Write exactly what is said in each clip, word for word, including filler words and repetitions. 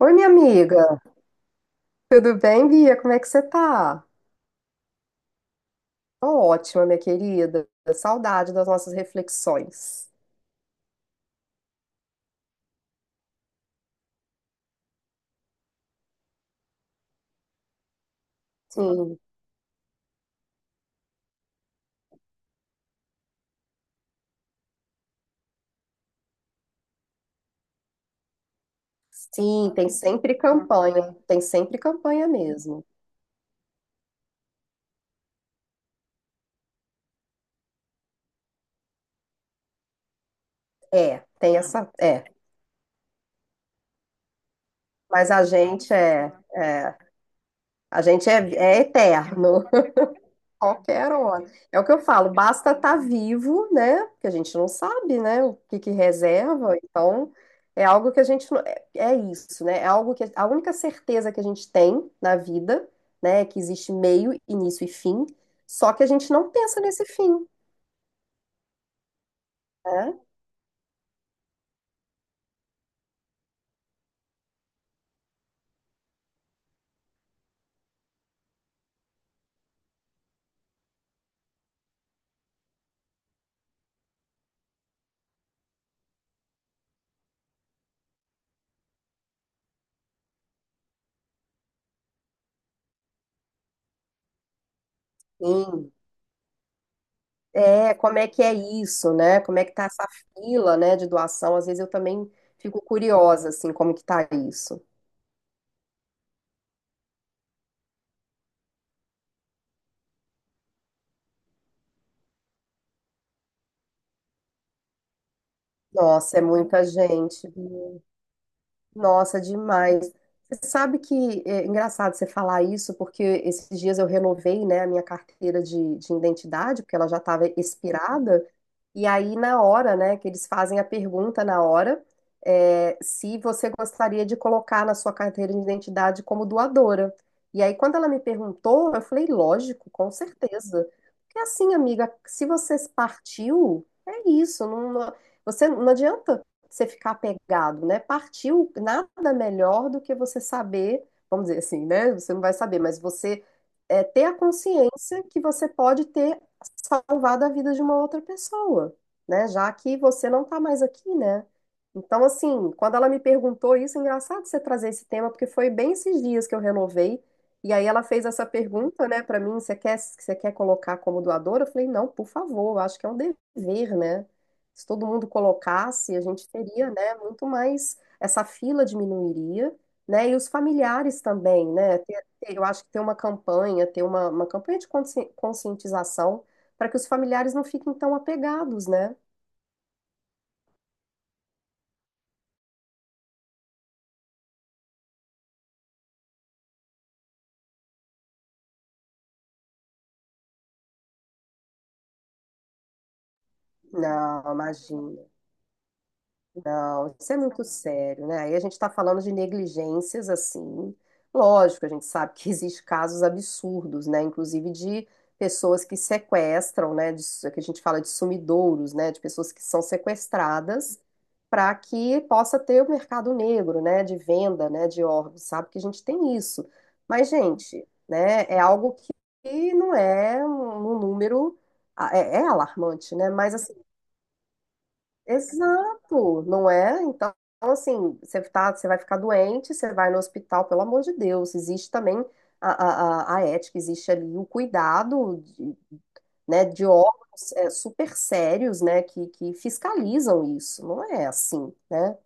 Oi, minha amiga. Tudo bem, Bia? Como é que você tá? Tô ótima, minha querida. Saudade das nossas reflexões. Sim, sim, tem sempre campanha. Tem sempre campanha mesmo. É, tem essa. É. Mas a gente é, é, a gente é, é eterno. Qualquer hora. É o que eu falo, basta estar vivo, né? Porque a gente não sabe, né? O que que reserva. Então, é algo que a gente não, é é isso, né? É algo que a única certeza que a gente tem na vida, né, é que existe meio, início e fim, só que a gente não pensa nesse fim, né? Sim. É, como é que é isso, né? Como é que tá essa fila, né, de doação? Às vezes eu também fico curiosa assim, como que tá isso. Nossa, é muita gente. Nossa, demais. Você sabe que é é engraçado você falar isso, porque esses dias eu renovei, né, a minha carteira de, de identidade, porque ela já estava expirada. E aí, na hora, né, que eles fazem a pergunta na hora, é, se você gostaria de colocar na sua carteira de identidade como doadora. E aí, quando ela me perguntou, eu falei, lógico, com certeza. Porque assim, amiga, se você partiu, é isso, não, não- você não adianta você ficar apegado, né? Partiu nada melhor do que você saber, vamos dizer assim, né? Você não vai saber, mas você é, ter a consciência que você pode ter salvado a vida de uma outra pessoa, né? Já que você não tá mais aqui, né? Então, assim, quando ela me perguntou isso, é engraçado você trazer esse tema, porque foi bem esses dias que eu renovei. E aí ela fez essa pergunta, né, pra mim, você quer, você quer colocar como doadora? Eu falei, não, por favor, eu acho que é um dever, né? Se todo mundo colocasse, a gente teria, né, muito mais, essa fila diminuiria, né, e os familiares também, né, ter- ter- eu acho que ter uma campanha, ter uma, uma campanha de consci- conscientização para que os familiares não fiquem tão apegados, né, não, imagina. Não, isso é muito sério, né? Aí a gente está falando de negligências assim. Lógico, a gente sabe que existe casos absurdos, né? Inclusive de pessoas que sequestram, né? De, que a gente fala de sumidouros, né? De pessoas que são sequestradas para que possa ter o mercado negro, né? De venda, né? De órgãos, sabe que a gente tem isso. Mas, gente, né? É algo que não é um um número. ah, É, é alarmante, né? Mas assim, exato, não é? Então, assim, você tá, você vai ficar doente, você vai no hospital, pelo amor de Deus. Existe também a, a, a a ética, existe ali o cuidado, de, né, de órgãos é, super sérios, né, que, que fiscalizam isso. Não é assim, né?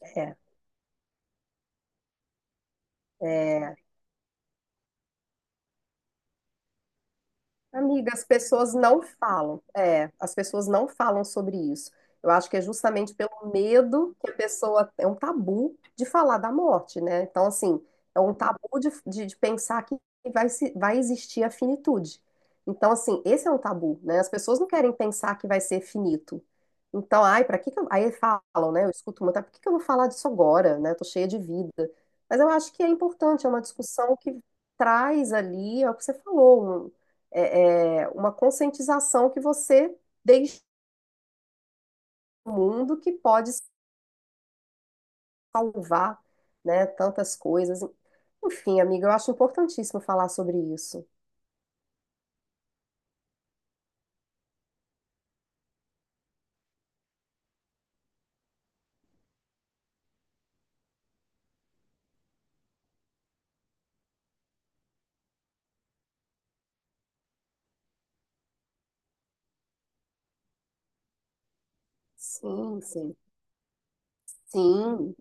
É. É. Amiga, as pessoas não falam. É, as pessoas não falam sobre isso. Eu acho que é justamente pelo medo que a pessoa. É um tabu de falar da morte, né? Então, assim, é um tabu de, de, de pensar que vai, se, vai existir a finitude. Então, assim, esse é um tabu, né? As pessoas não querem pensar que vai ser finito. Então, ai, pra que que eu. Aí falam, né? Eu escuto muito, "Ah, por que que eu vou falar disso agora, né? Tô cheia de vida. Mas eu acho que é importante, é uma discussão que traz ali, é o que você falou, um- é, é, uma conscientização que você deixa no mundo que pode salvar, né, tantas coisas. Enfim, amiga, eu acho importantíssimo falar sobre isso. Sim, sim. Sim,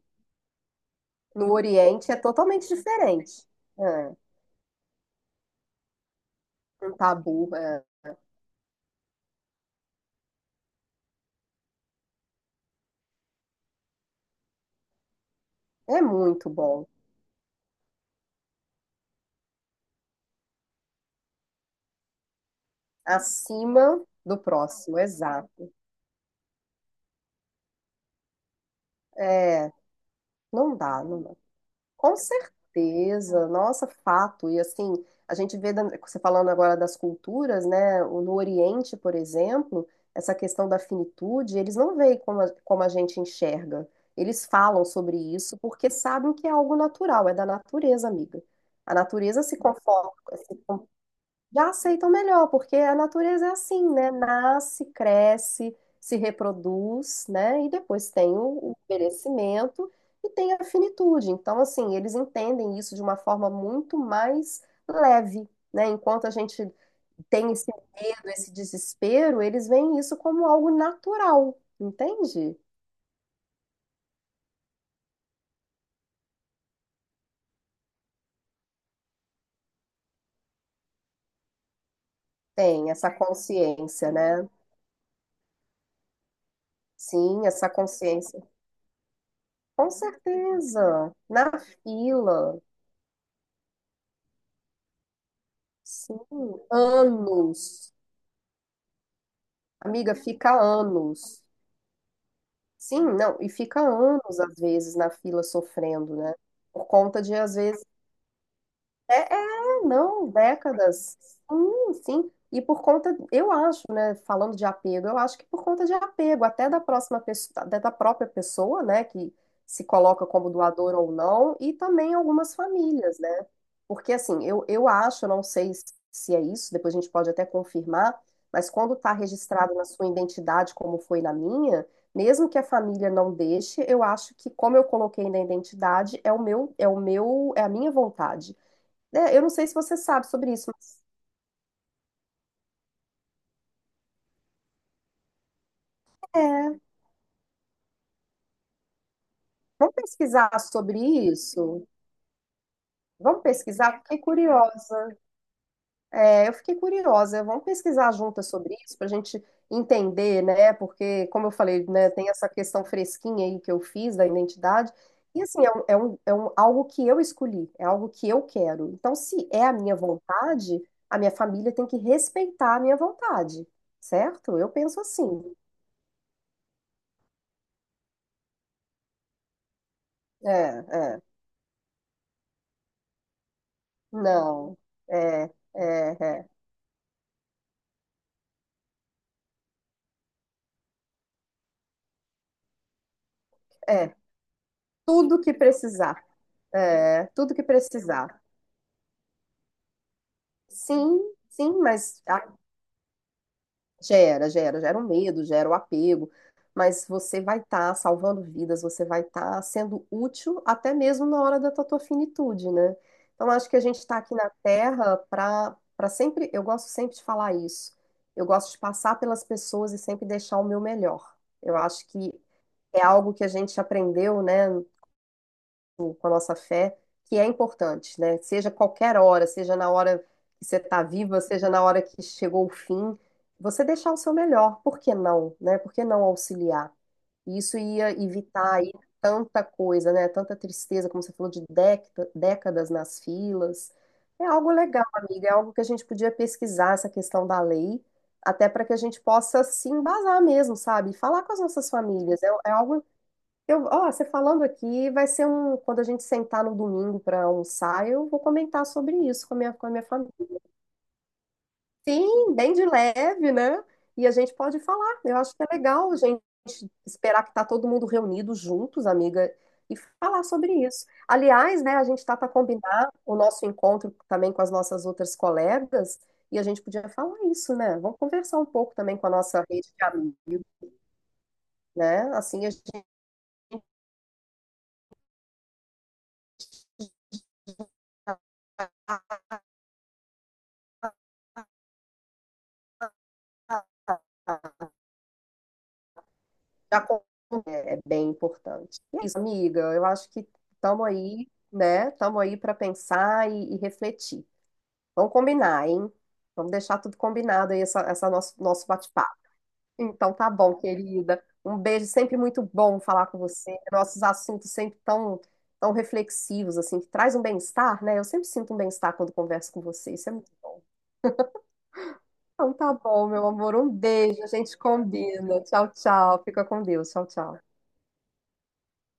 no Oriente é totalmente diferente. É, um tabu. É, é muito bom. Acima do próximo, exato. É, não dá, não dá. Com certeza, nossa, fato. E assim, a gente vê, da- você falando agora das culturas, né? o- No Oriente, por exemplo, essa questão da finitude, eles não veem como a, como a gente enxerga. Eles falam sobre isso porque sabem que é algo natural, é da natureza, amiga. A natureza se conforma, já aceitam melhor, porque a natureza é assim, né? Nasce, cresce, se reproduz, né? E depois tem o o envelhecimento e tem a finitude. Então, assim, eles entendem isso de uma forma muito mais leve, né? Enquanto a gente tem esse medo, esse desespero, eles veem isso como algo natural, entende? Tem essa consciência, né? Sim, essa consciência. Com certeza. Na fila. Sim, anos. Amiga, fica anos. Sim, não, e fica anos, às vezes, na fila sofrendo, né? Por conta de, às vezes, é, é, não, décadas. Sim, sim. E por conta, eu acho, né, falando de apego, eu acho que por conta de apego, até da próxima pessoa, até da própria pessoa, né, que se coloca como doador ou não, e também algumas famílias, né? Porque assim, eu, eu acho, eu não sei s- se é isso, depois a gente pode até confirmar, mas quando está registrado na sua identidade, como foi na minha, mesmo que a família não deixe, eu acho que como eu coloquei na identidade, é o meu, é o meu, é a minha vontade. É, eu não sei se você sabe sobre isso, mas é, vamos pesquisar sobre isso? Vamos pesquisar? Fiquei curiosa. É, eu fiquei curiosa. Vamos pesquisar juntas sobre isso para a gente entender, né? Porque, como eu falei, né, tem essa questão fresquinha aí que eu fiz da identidade. E assim, é, um, é, um, é um, algo que eu escolhi, é algo que eu quero. Então, se é a minha vontade, a minha família tem que respeitar a minha vontade, certo? Eu penso assim. É, é. Não. É, é, é. É, tudo que precisar. É, tudo que precisar. Sim, sim, mas ah, gera, gera, gera o medo, gera o apego. Mas você vai estar salvando vidas, você vai estar sendo útil até mesmo na hora da tua, tua finitude, né? Então acho que a gente está aqui na Terra para para sempre. Eu gosto sempre de falar isso. Eu gosto de passar pelas pessoas e sempre deixar o meu melhor. Eu acho que é algo que a gente aprendeu, né, com a nossa fé, que é importante, né? Seja qualquer hora, seja na hora que você está viva, seja na hora que chegou o fim, você deixar o seu melhor, por que não, né? Por que não auxiliar? E isso ia evitar aí tanta coisa, né? Tanta tristeza, como você falou, de década- décadas nas filas. É algo legal, amiga, é algo que a gente podia pesquisar essa questão da lei. Até para que a gente possa se embasar mesmo, sabe? E falar com as nossas famílias. É, é algo eu, ó, você falando aqui, vai ser um. Quando a gente sentar no domingo para almoçar, eu vou comentar sobre isso com a minha, com a minha família. Sim, bem de leve, né? E a gente pode falar. Eu acho que é legal a gente esperar que tá todo mundo reunido juntos, amiga, e falar sobre isso. Aliás, né, a gente tá para combinar o nosso encontro também com as nossas outras colegas, e a gente podia falar isso, né? Vamos conversar um pouco também com a nossa rede de amigos, né? Assim a gente já com- é bem importante. E é isso, amiga. Eu acho que estamos aí, né? Estamos aí para pensar e, e refletir. Vamos combinar, hein? Vamos deixar tudo combinado aí, essa, essa nosso, nosso bate-papo. Então tá bom, querida. Um beijo, sempre muito bom falar com você. Nossos assuntos sempre tão, tão reflexivos, assim, que traz um bem-estar, né? Eu sempre sinto um bem-estar quando converso com você. Isso é muito bom. Então tá bom, meu amor. Um beijo, a gente combina. Tchau, tchau. Fica com Deus. Tchau, tchau.